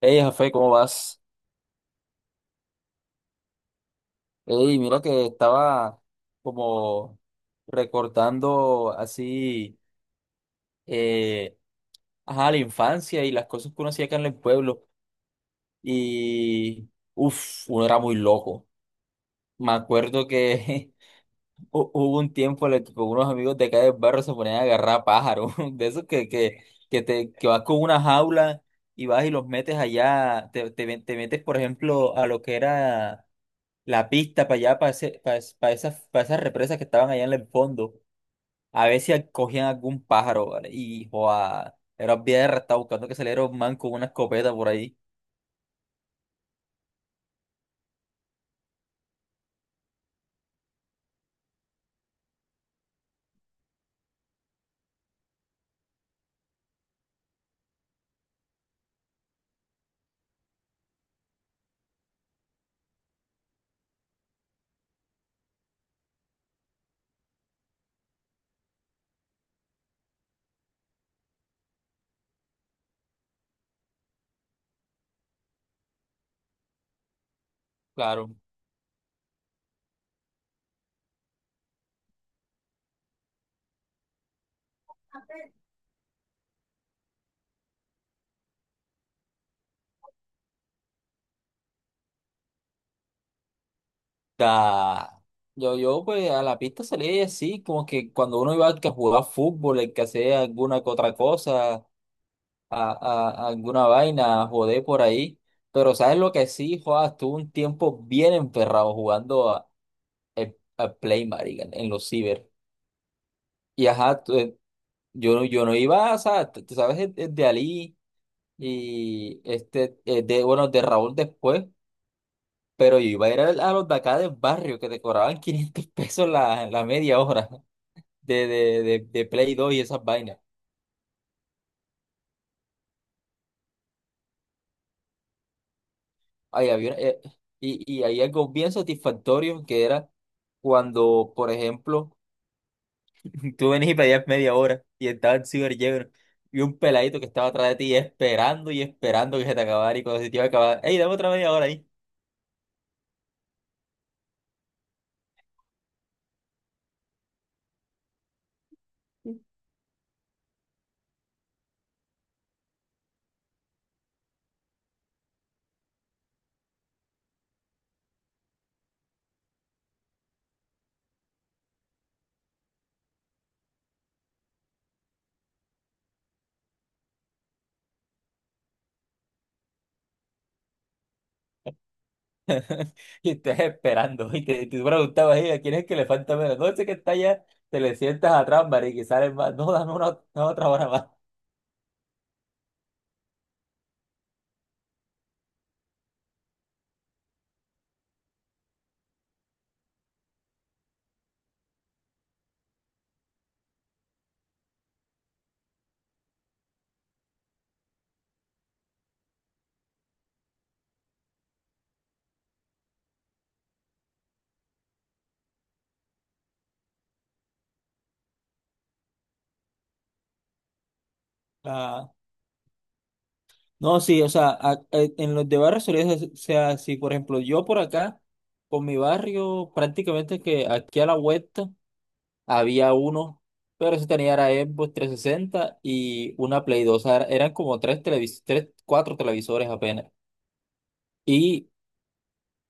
Hey, Jafé, ¿cómo vas? Hey, mira que estaba como recortando así, eh, ajá, la infancia y las cosas que uno hacía acá en el pueblo. Y, uff, uno era muy loco. Me acuerdo que hubo un tiempo en el que con unos amigos de acá del barrio se ponían a agarrar pájaros, de esos que que vas con una jaula y vas y los metes allá, te metes, por ejemplo, a lo que era la pista para allá, para ese, para, es- para esas represas que estaban allá en el fondo. A ver si cogían algún pájaro, ¿vale? Y, joa, era bien, estaba buscando que saliera un man con una escopeta por ahí. Claro. Da. Yo, pues, a la pista salía y así, como que cuando uno iba que a jugar fútbol, el que hacía alguna que otra cosa, a- a alguna vaina, a joder por ahí. Pero, ¿sabes lo que sí, joa? Estuve un tiempo bien enferrado jugando a Play, marica, en los ciber. Y ajá, yo no iba, o sea, tú sabes, el de Ali y este, bueno, de Raúl después, pero yo iba a ir a los de acá del barrio que te cobraban 500 pesos la media hora de Play 2 y esas vainas. Ay había, y hay algo bien satisfactorio que era cuando, por ejemplo, tú venís y pedías media hora y estaba el ciber lleno, y un peladito que estaba atrás de ti esperando y esperando que se te acabara y cuando se te iba a acabar, ¡ey, dame otra media hora! Y estás esperando, y te preguntabas, "Ey, ¿a quién es que le falta menos? No sé, que está allá, te le sientas atrás, marica, y sale más. No, dame una otra hora más". Ah, no, sí, o sea, en los de barrios solía ser, o sea, si por ejemplo yo por acá, con mi barrio, prácticamente que aquí a la vuelta había uno, pero ese tenía era Xbox 360 y una Play 2, o sea, eran como tres televisores, tres, cuatro televisores apenas. Y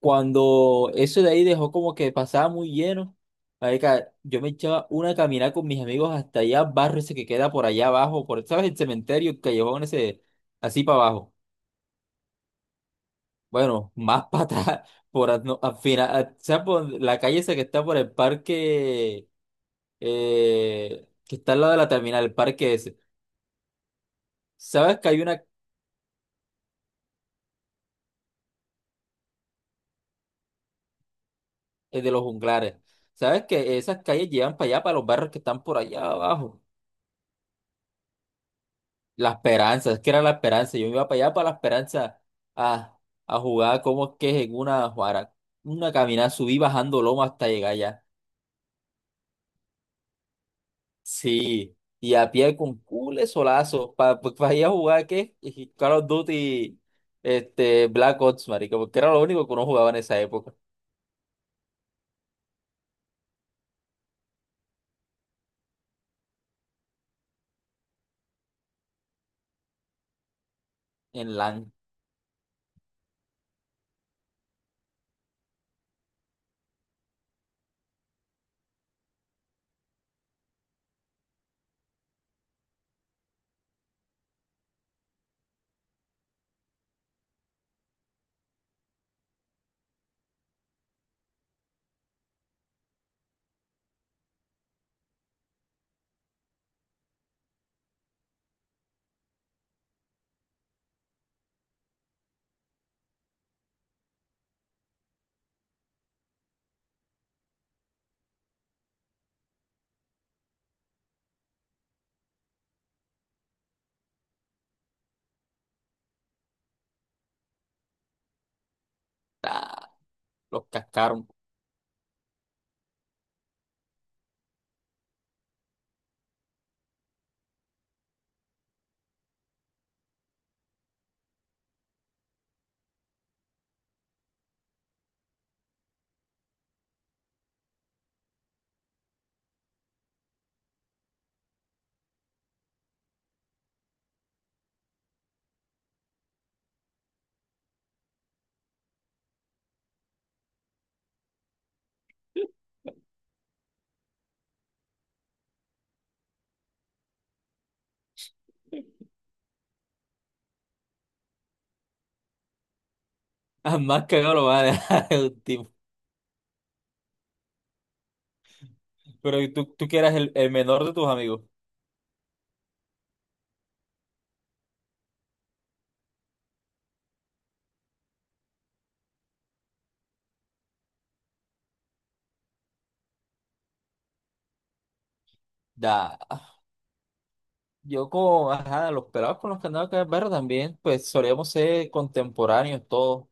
cuando eso de ahí dejó como que pasaba muy lleno, marica, yo me echaba una caminada con mis amigos hasta allá, barrio ese que queda por allá abajo, por, ¿sabes? El cementerio, el callejón ese, así para abajo. Bueno, más para atrás, por al, no, al final, al, ¿sabes? Por la calle esa que está por el parque, que está al lado de la terminal, el parque ese. ¿Sabes que hay una, de los junglares? ¿Sabes que esas calles llevan para allá, para los barrios que están por allá abajo? La esperanza, es que era la esperanza. Yo iba para allá para la esperanza a, a jugar, como es que es, en una caminada, subí bajando loma hasta llegar allá. Sí, y a pie con cule solazo para ir a jugar ¿qué? Y Call of Duty, este, Black Ops, marico, porque era lo único que uno jugaba en esa época. En LAN. Ah, los cascaron. Ah, más cagado lo van a dejar el último. Pero ¿y tú que eras el menor de tus amigos? Da. Yo con, ajá, los pelados con los que andaba acá en el barrio también, pues solíamos ser contemporáneos todos. O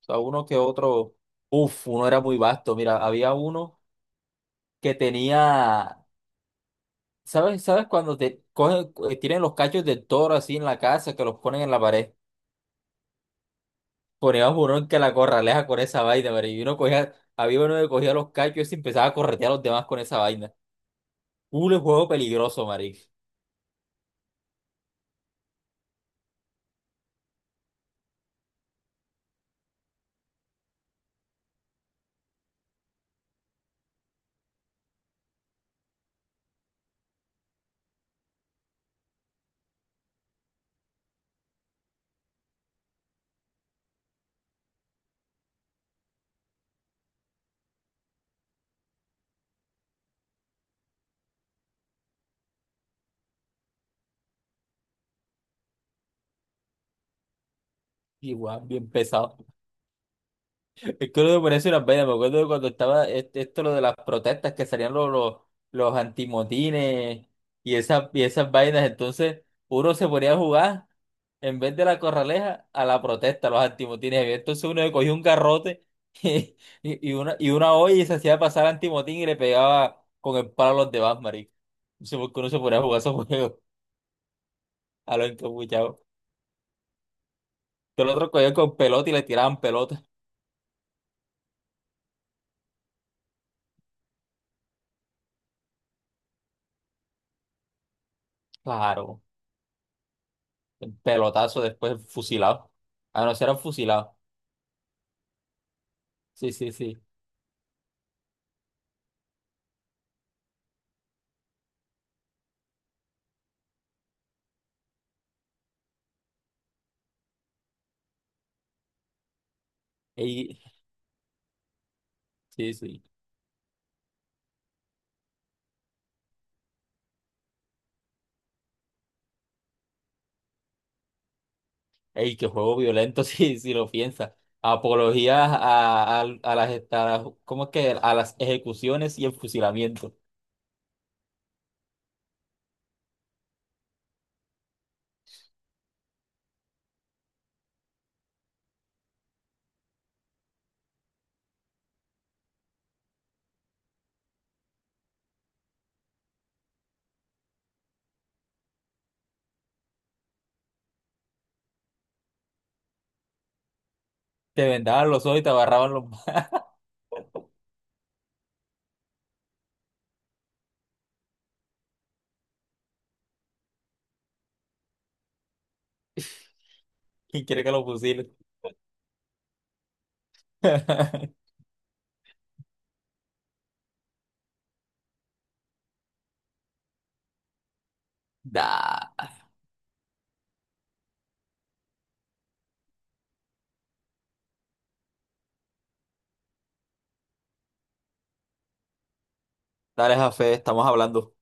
sea, uno que otro, uff, uno era muy vasto. Mira, había uno que tenía, ¿sabes? ¿Sabes cuando te cogen, tienen los cachos del toro así en la casa que los ponen en la pared? Poníamos uno en que la corraleja con esa vaina, pero y uno cogía, había uno que cogía los cachos y se empezaba a corretear a los demás con esa vaina. Un juego peligroso, marica. Igual, bien pesado. Es que uno se pone unas vainas. Me acuerdo de cuando estaba esto lo de las protestas, que salían los antimotines y esas vainas. Entonces, uno se ponía a jugar en vez de la corraleja a la protesta, a los antimotines. Entonces uno le cogía un garrote y, y una olla y se hacía pasar antimotín y le pegaba con el palo a los demás, marico. No sé por qué uno se ponía a jugar esos juegos, a los encapuchados. Que el otro cogía con pelota y le tiraban pelota. Claro. Pelotazo, después fusilado. Ah, no, serán fusilados. Sí, sí, sí. Ey, sí, sí. Ey, qué juego violento si lo piensas. Apología ¿cómo es que? A las ejecuciones y el fusilamiento. Te vendaban los ojos y te agarraban los... ¿y quiere que lo fusilen? Da. Dale, Jafé, estamos hablando.